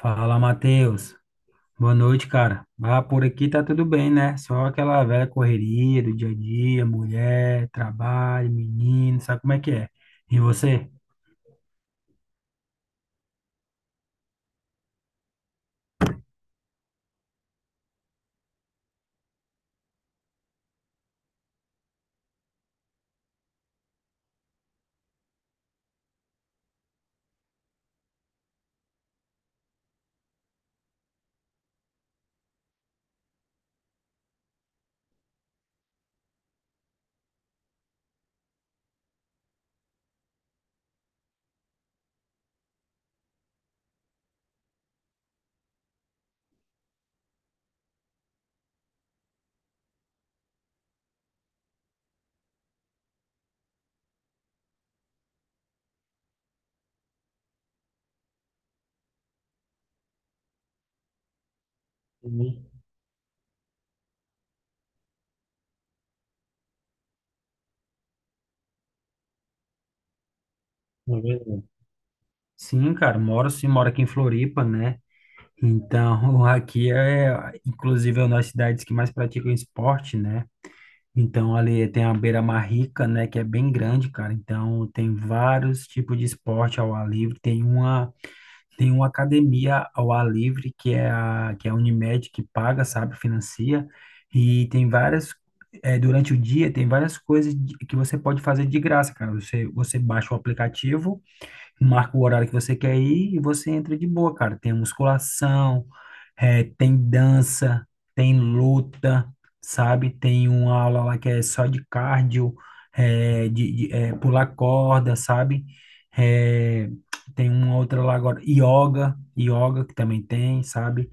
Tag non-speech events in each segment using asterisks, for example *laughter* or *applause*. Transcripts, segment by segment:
Fala, Matheus. Boa noite, cara. Ah, por aqui tá tudo bem, né? Só aquela velha correria do dia a dia, mulher, trabalho, menino, sabe como é que é? E você? Uhum, é verdade. Sim, cara, moro sim, moro aqui em Floripa, né? Então, *laughs* aqui é, inclusive, é uma das cidades que mais praticam esporte, né? Então, ali tem a beira-mar rica, né, que é bem grande, cara. Então, tem vários tipos de esporte ao ar livre. Tem uma academia ao ar livre, que é a Unimed, que paga, sabe, financia, e tem várias, durante o dia, tem várias coisas que você pode fazer de graça, cara. Você, você baixa o aplicativo, marca o horário que você quer ir e você entra de boa, cara. Tem musculação, tem dança, tem luta, sabe? Tem uma aula lá que é só de cardio, pular corda, sabe? Eh, tem uma outra lá agora, yoga que também tem, sabe?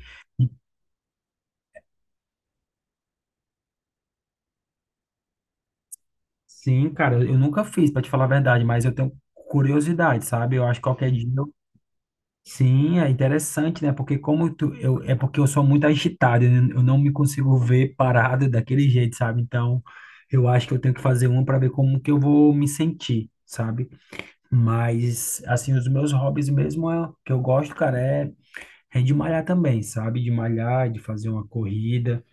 Sim, cara, eu nunca fiz, pra te falar a verdade, mas eu tenho curiosidade, sabe? Eu acho que qualquer dia. Sim, é interessante, né? Porque como tu, eu, é porque eu sou muito agitado, eu não me consigo ver parado daquele jeito, sabe? Então, eu acho que eu tenho que fazer uma para ver como que eu vou me sentir, sabe? Mas, assim, os meus hobbies mesmo é, que eu gosto, cara, é, é de malhar também, sabe? De malhar, de fazer uma corrida.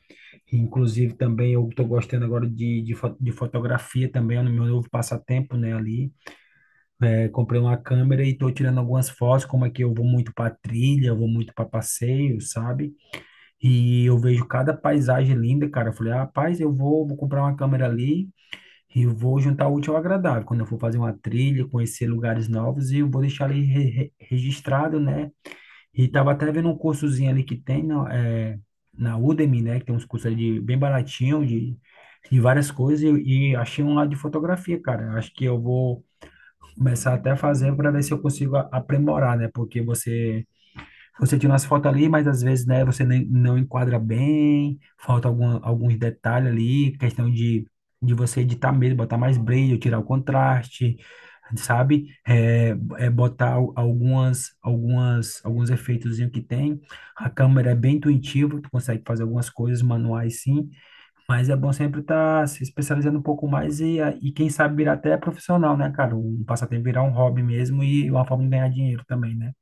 Inclusive, também eu tô gostando agora de fotografia também, é no meu novo passatempo, né? Ali. Eu comprei uma câmera e estou tirando algumas fotos, como é que eu vou muito para trilha, eu vou muito para passeio, sabe? E eu vejo cada paisagem linda, cara. Eu falei, ah, rapaz, eu vou, vou comprar uma câmera ali e eu vou juntar o útil ao agradável. Quando eu for fazer uma trilha, conhecer lugares novos, e eu vou deixar ali registrado, né? E tava até vendo um cursozinho ali que tem na, é, na Udemy, né? Que tem uns cursos ali de, bem baratinho de várias coisas e achei um lá de fotografia, cara. Acho que eu vou começar até a fazer para ver se eu consigo aprimorar, né? Porque você tira umas fotos ali, mas às vezes, né, você nem, não enquadra bem, falta algum, alguns detalhes ali, questão de você editar mesmo, botar mais brilho, tirar o contraste, sabe? É, é botar algumas alguns efeitos que tem. A câmera é bem intuitiva, tu consegue fazer algumas coisas manuais sim, mas é bom sempre estar se especializando um pouco mais e quem sabe virar até profissional, né, cara? Um passatempo virar um hobby mesmo e uma forma de ganhar dinheiro também, né?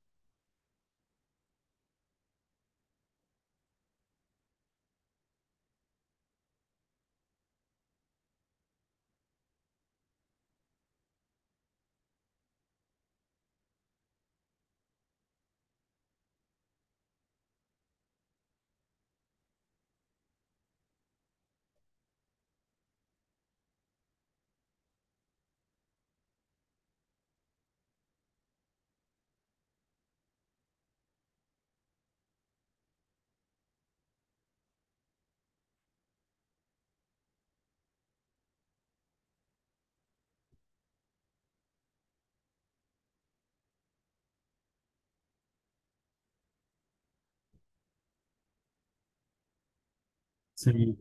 Sim,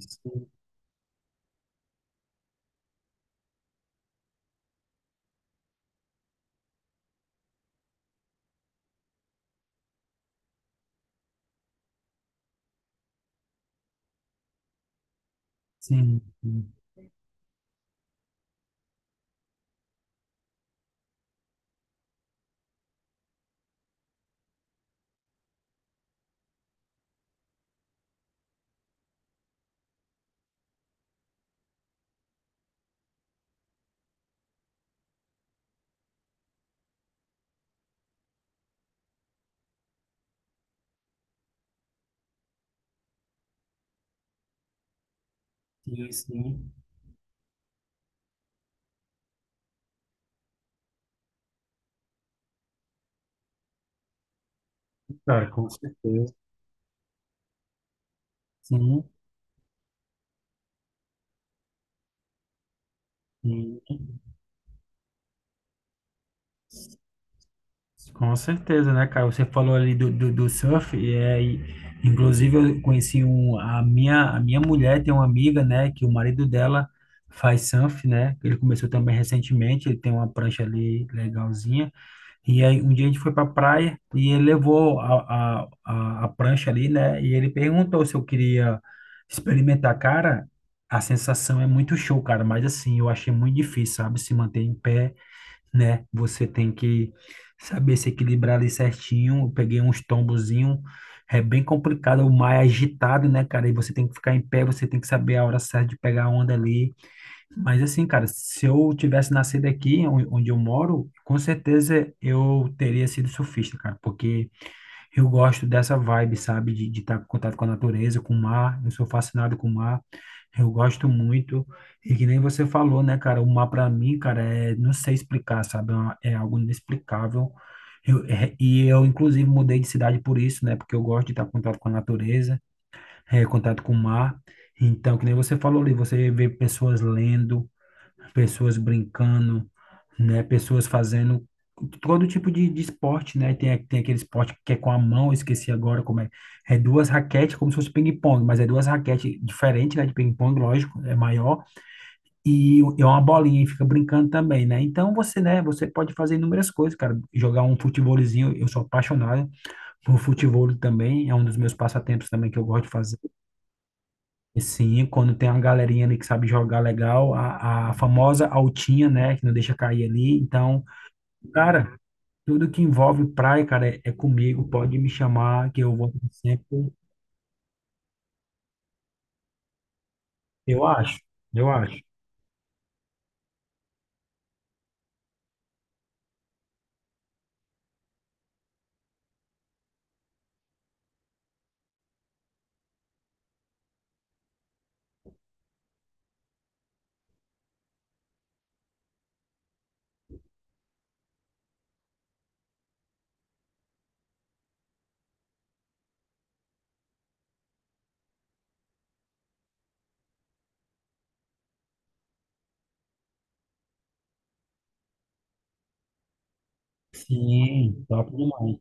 sim. Sim, sim, sim, cara, com certeza. Sim. Sim. Com certeza, né, cara? Você falou ali do surf, e, é, e inclusive eu conheci um, a minha mulher tem uma amiga, né, que o marido dela faz surf, né? Ele começou também recentemente, ele tem uma prancha ali legalzinha. E aí, um dia a gente foi para praia e ele levou a prancha ali, né? E ele perguntou se eu queria experimentar. Cara, a sensação é muito show, cara, mas assim, eu achei muito difícil, sabe? Se manter em pé, né? Você tem que saber se equilibrar ali certinho. Eu peguei uns tombozinhos, é bem complicado, o mar é agitado, né, cara? E você tem que ficar em pé, você tem que saber a hora certa de pegar a onda ali. Mas assim, cara, se eu tivesse nascido aqui, onde eu moro, com certeza eu teria sido surfista, cara, porque eu gosto dessa vibe, sabe, de estar em contato com a natureza, com o mar. Eu sou fascinado com o mar, eu gosto muito. E que nem você falou, né, cara, o mar pra mim, cara, é, não sei explicar, sabe, é algo inexplicável. E eu, inclusive, mudei de cidade por isso, né, porque eu gosto de estar em contato com a natureza, é, contato com o mar. Então, que nem você falou ali, você vê pessoas lendo, pessoas brincando, né? Pessoas fazendo todo tipo de esporte, né? Tem, tem aquele esporte que é com a mão, eu esqueci agora como é. É duas raquetes, como se fosse ping-pong, mas é duas raquetes diferentes, né? De ping-pong, lógico, é maior. E é uma bolinha e fica brincando também, né? Então você, né? Você pode fazer inúmeras coisas, cara. Jogar um futebolzinho, eu sou apaixonado por futebol também, é um dos meus passatempos também que eu gosto de fazer. E sim, quando tem uma galerinha ali que sabe jogar legal, a famosa altinha, né, que não deixa cair ali. Então, cara, tudo que envolve praia, cara, é, é comigo. Pode me chamar que eu vou sempre. Eu acho, eu acho. Sim, top demais.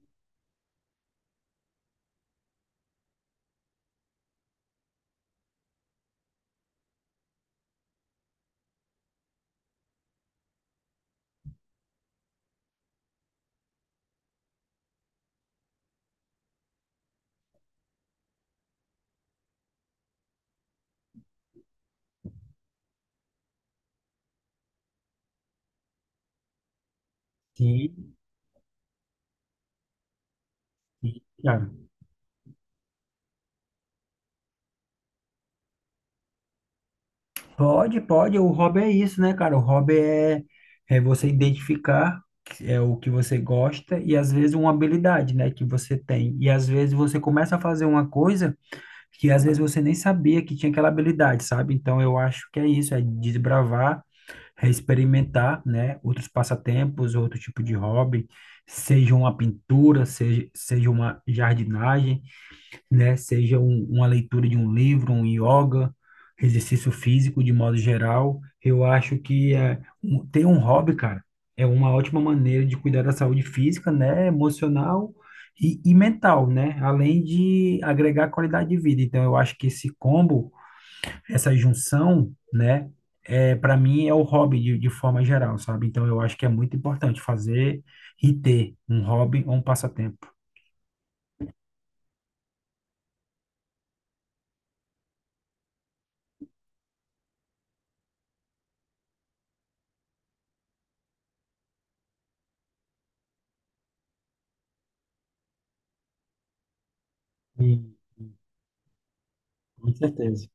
Sim, sim, cara. Pode, pode. O hobby é isso, né, cara? O hobby é, é você identificar que é o que você gosta e às vezes uma habilidade, né, que você tem. E às vezes você começa a fazer uma coisa que às vezes você nem sabia que tinha aquela habilidade, sabe? Então eu acho que é isso, é desbravar, é experimentar, né? Outros passatempos, outro tipo de hobby, seja uma pintura, seja, seja uma jardinagem, né? Seja um, uma leitura de um livro, um yoga, exercício físico de modo geral. Eu acho que é, ter um hobby, cara, é uma ótima maneira de cuidar da saúde física, né? Emocional e mental, né? Além de agregar qualidade de vida. Então, eu acho que esse combo, essa junção, né? É, para mim é o hobby de forma geral, sabe? Então eu acho que é muito importante fazer e ter um hobby ou um passatempo. Hum. Com certeza.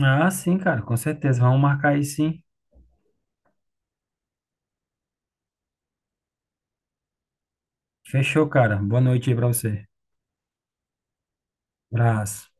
Ah, sim, cara, com certeza. Vamos marcar aí sim. Fechou, cara. Boa noite aí pra você. Abraço.